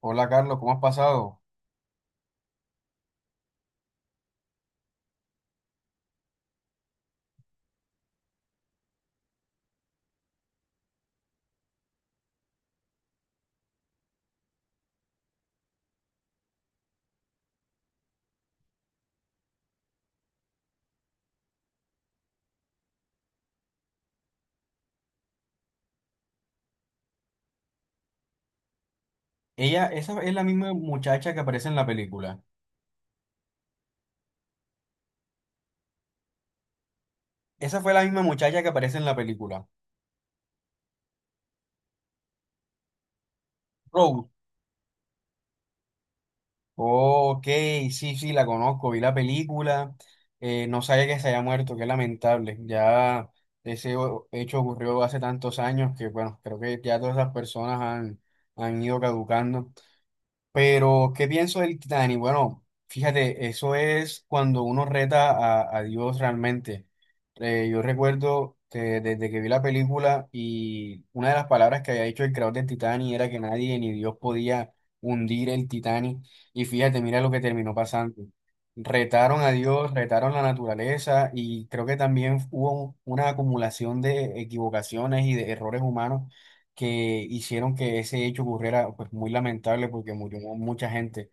Hola Carlos, ¿cómo has pasado? Ella, esa es la misma muchacha que aparece en la película. Esa fue la misma muchacha que aparece en la película. Rose. Ok, sí, sí, la conozco, vi la película. No sabía que se haya muerto, qué lamentable. Ya hecho ocurrió hace tantos años que, bueno, creo que ya todas esas personas han ido caducando. Pero, ¿qué pienso del Titanic? Bueno, fíjate, eso es cuando uno reta a Dios realmente. Yo recuerdo que desde que vi la película y una de las palabras que había dicho el creador del Titanic era que nadie ni Dios podía hundir el Titanic. Y fíjate, mira lo que terminó pasando. Retaron a Dios, retaron la naturaleza y creo que también hubo una acumulación de equivocaciones y de errores humanos que hicieron que ese hecho ocurriera, pues muy lamentable porque murió mucha gente.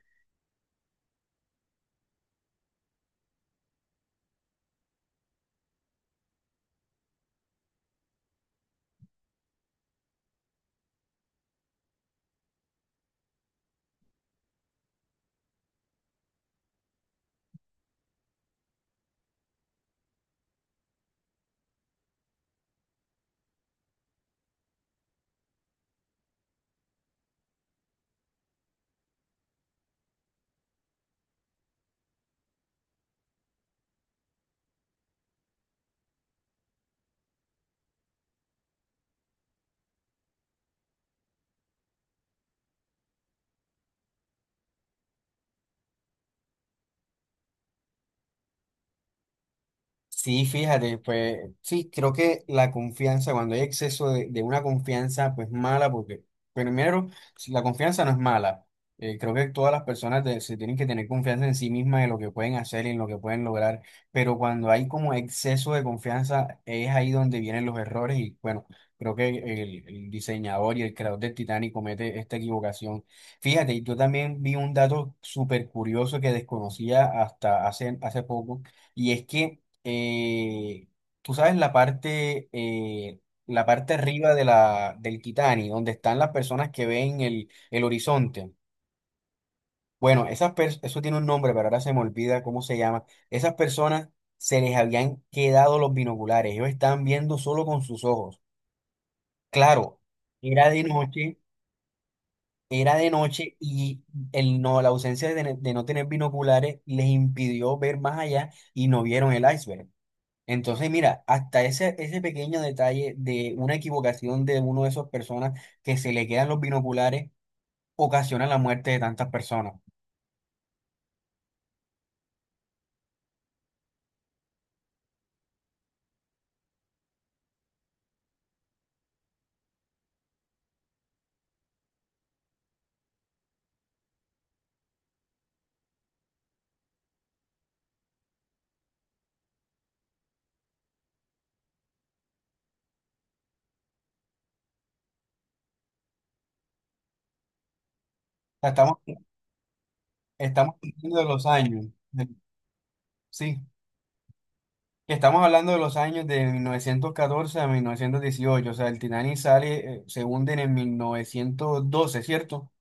Sí, fíjate, pues sí, creo que la confianza, cuando hay exceso de una confianza, pues mala, porque primero, si la confianza no es mala, creo que todas las se tienen que tener confianza en sí mismas, en lo que pueden hacer y en lo que pueden lograr, pero cuando hay como exceso de confianza, es ahí donde vienen los errores y bueno, creo que el diseñador y el creador del Titanic comete esta equivocación. Fíjate, y yo también vi un dato súper curioso que desconocía hasta hace poco, y es que eh, tú sabes la parte, la parte arriba de la, del Kitani, donde están las personas que ven el horizonte. Bueno, eso tiene un nombre, pero ahora se me olvida cómo se llama. Esas personas se les habían quedado los binoculares, ellos estaban viendo solo con sus ojos. Claro, era de noche, era de noche y el no, la ausencia de no tener binoculares les impidió ver más allá y no vieron el iceberg. Entonces, mira, hasta ese pequeño detalle de una equivocación de uno de esos personas que se le quedan los binoculares ocasiona la muerte de tantas personas. O sea, estamos, estamos hablando de los años, de- sí, que estamos hablando de los años de 1914 a 1918. O sea, el Titanic sale, se hunde en el 1912, ¿cierto?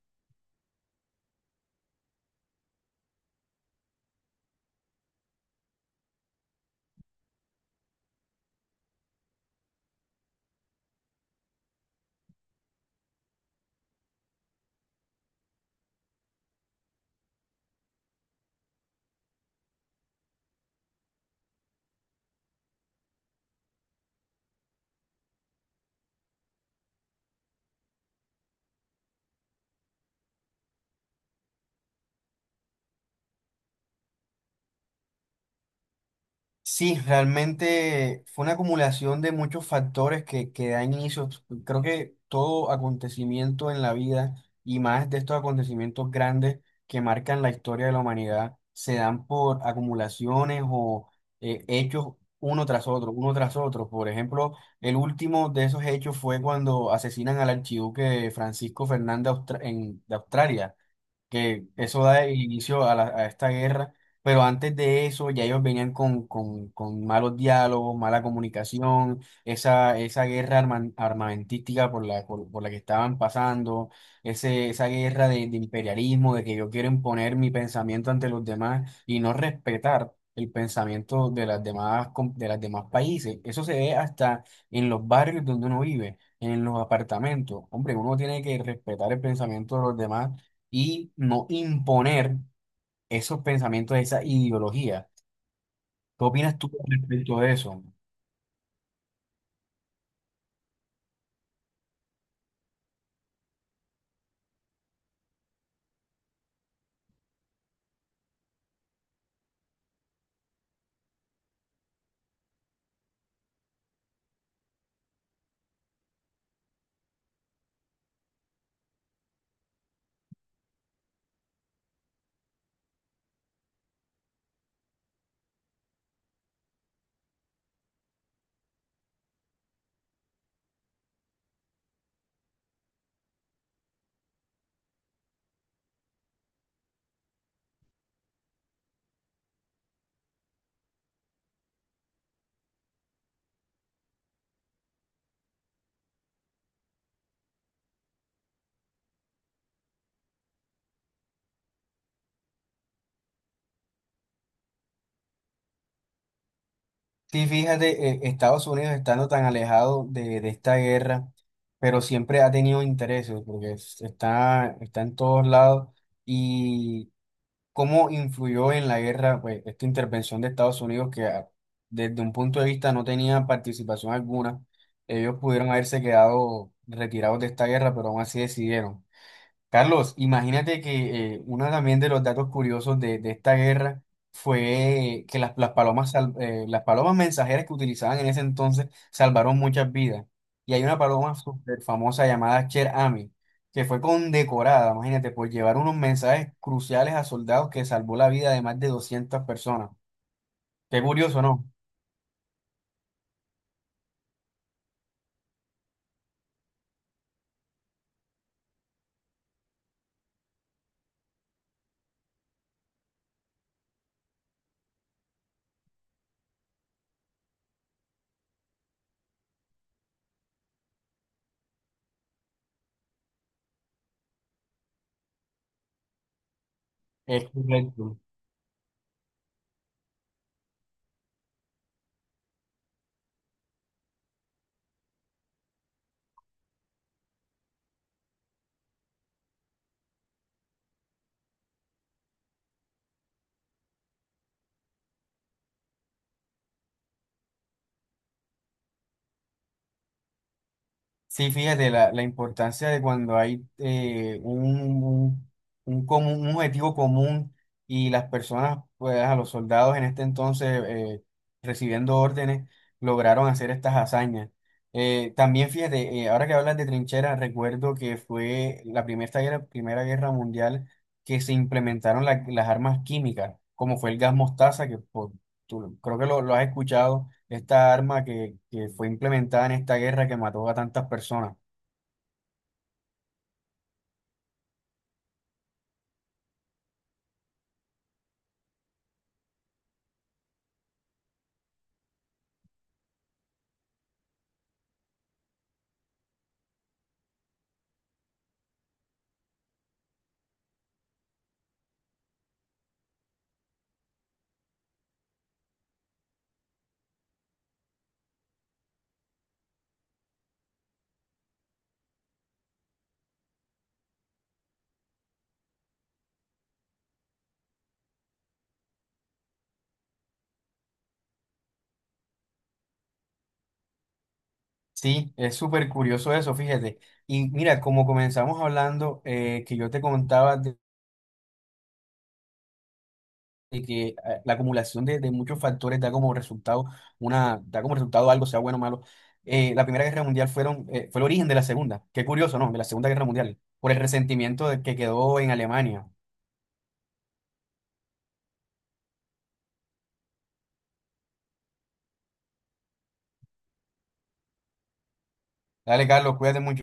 Sí, realmente fue una acumulación de muchos factores que dan inicio. Creo que todo acontecimiento en la vida y más de estos acontecimientos grandes que marcan la historia de la humanidad se dan por acumulaciones o hechos uno tras otro, uno tras otro. Por ejemplo, el último de esos hechos fue cuando asesinan al archiduque Francisco Fernández de Australia que eso da inicio a esta guerra, pero antes de eso ya ellos venían con malos diálogos, mala comunicación, esa armamentística por por la que estaban pasando, esa guerra de imperialismo, de que yo quiero imponer mi pensamiento ante los demás y no respetar el pensamiento de las de las demás países. Eso se ve hasta en los barrios donde uno vive, en los apartamentos. Hombre, uno tiene que respetar el pensamiento de los demás y no imponer esos pensamientos, esa ideología. ¿Qué opinas tú con respecto a eso? Sí, fíjate, Estados Unidos estando tan alejado de esta guerra, pero siempre ha tenido intereses, porque está, está en todos lados. ¿Y cómo influyó en la guerra, pues, esta intervención de Estados Unidos desde un punto de vista no tenía participación alguna? Ellos pudieron haberse quedado retirados de esta guerra, pero aún así decidieron. Carlos, imagínate que uno también de los datos curiosos de esta guerra fue que las las palomas mensajeras que utilizaban en ese entonces salvaron muchas vidas. Y hay una paloma súper famosa llamada Cher Ami, que fue condecorada, imagínate, por llevar unos mensajes cruciales a soldados que salvó la vida de más de 200 personas. Qué curioso, ¿no? Es correcto. Sí, fíjate, la importancia de cuando hay un común, un objetivo común y las personas, pues a los soldados en este entonces recibiendo órdenes, lograron hacer estas hazañas. También fíjate, ahora que hablas de trincheras, recuerdo que fue la primera guerra mundial que se implementaron las armas químicas, como fue el gas mostaza, tú creo que lo has escuchado esta arma que fue implementada en esta guerra que mató a tantas personas. Sí, es súper curioso eso, fíjate. Y mira, como comenzamos hablando, que yo te contaba de que la acumulación de muchos factores da como resultado da como resultado algo, sea bueno o malo. La Primera Guerra Mundial fue el origen de la Segunda. Qué curioso, ¿no? De la Segunda Guerra Mundial, por el resentimiento que quedó en Alemania. Dale, Carlos, cuídate mucho.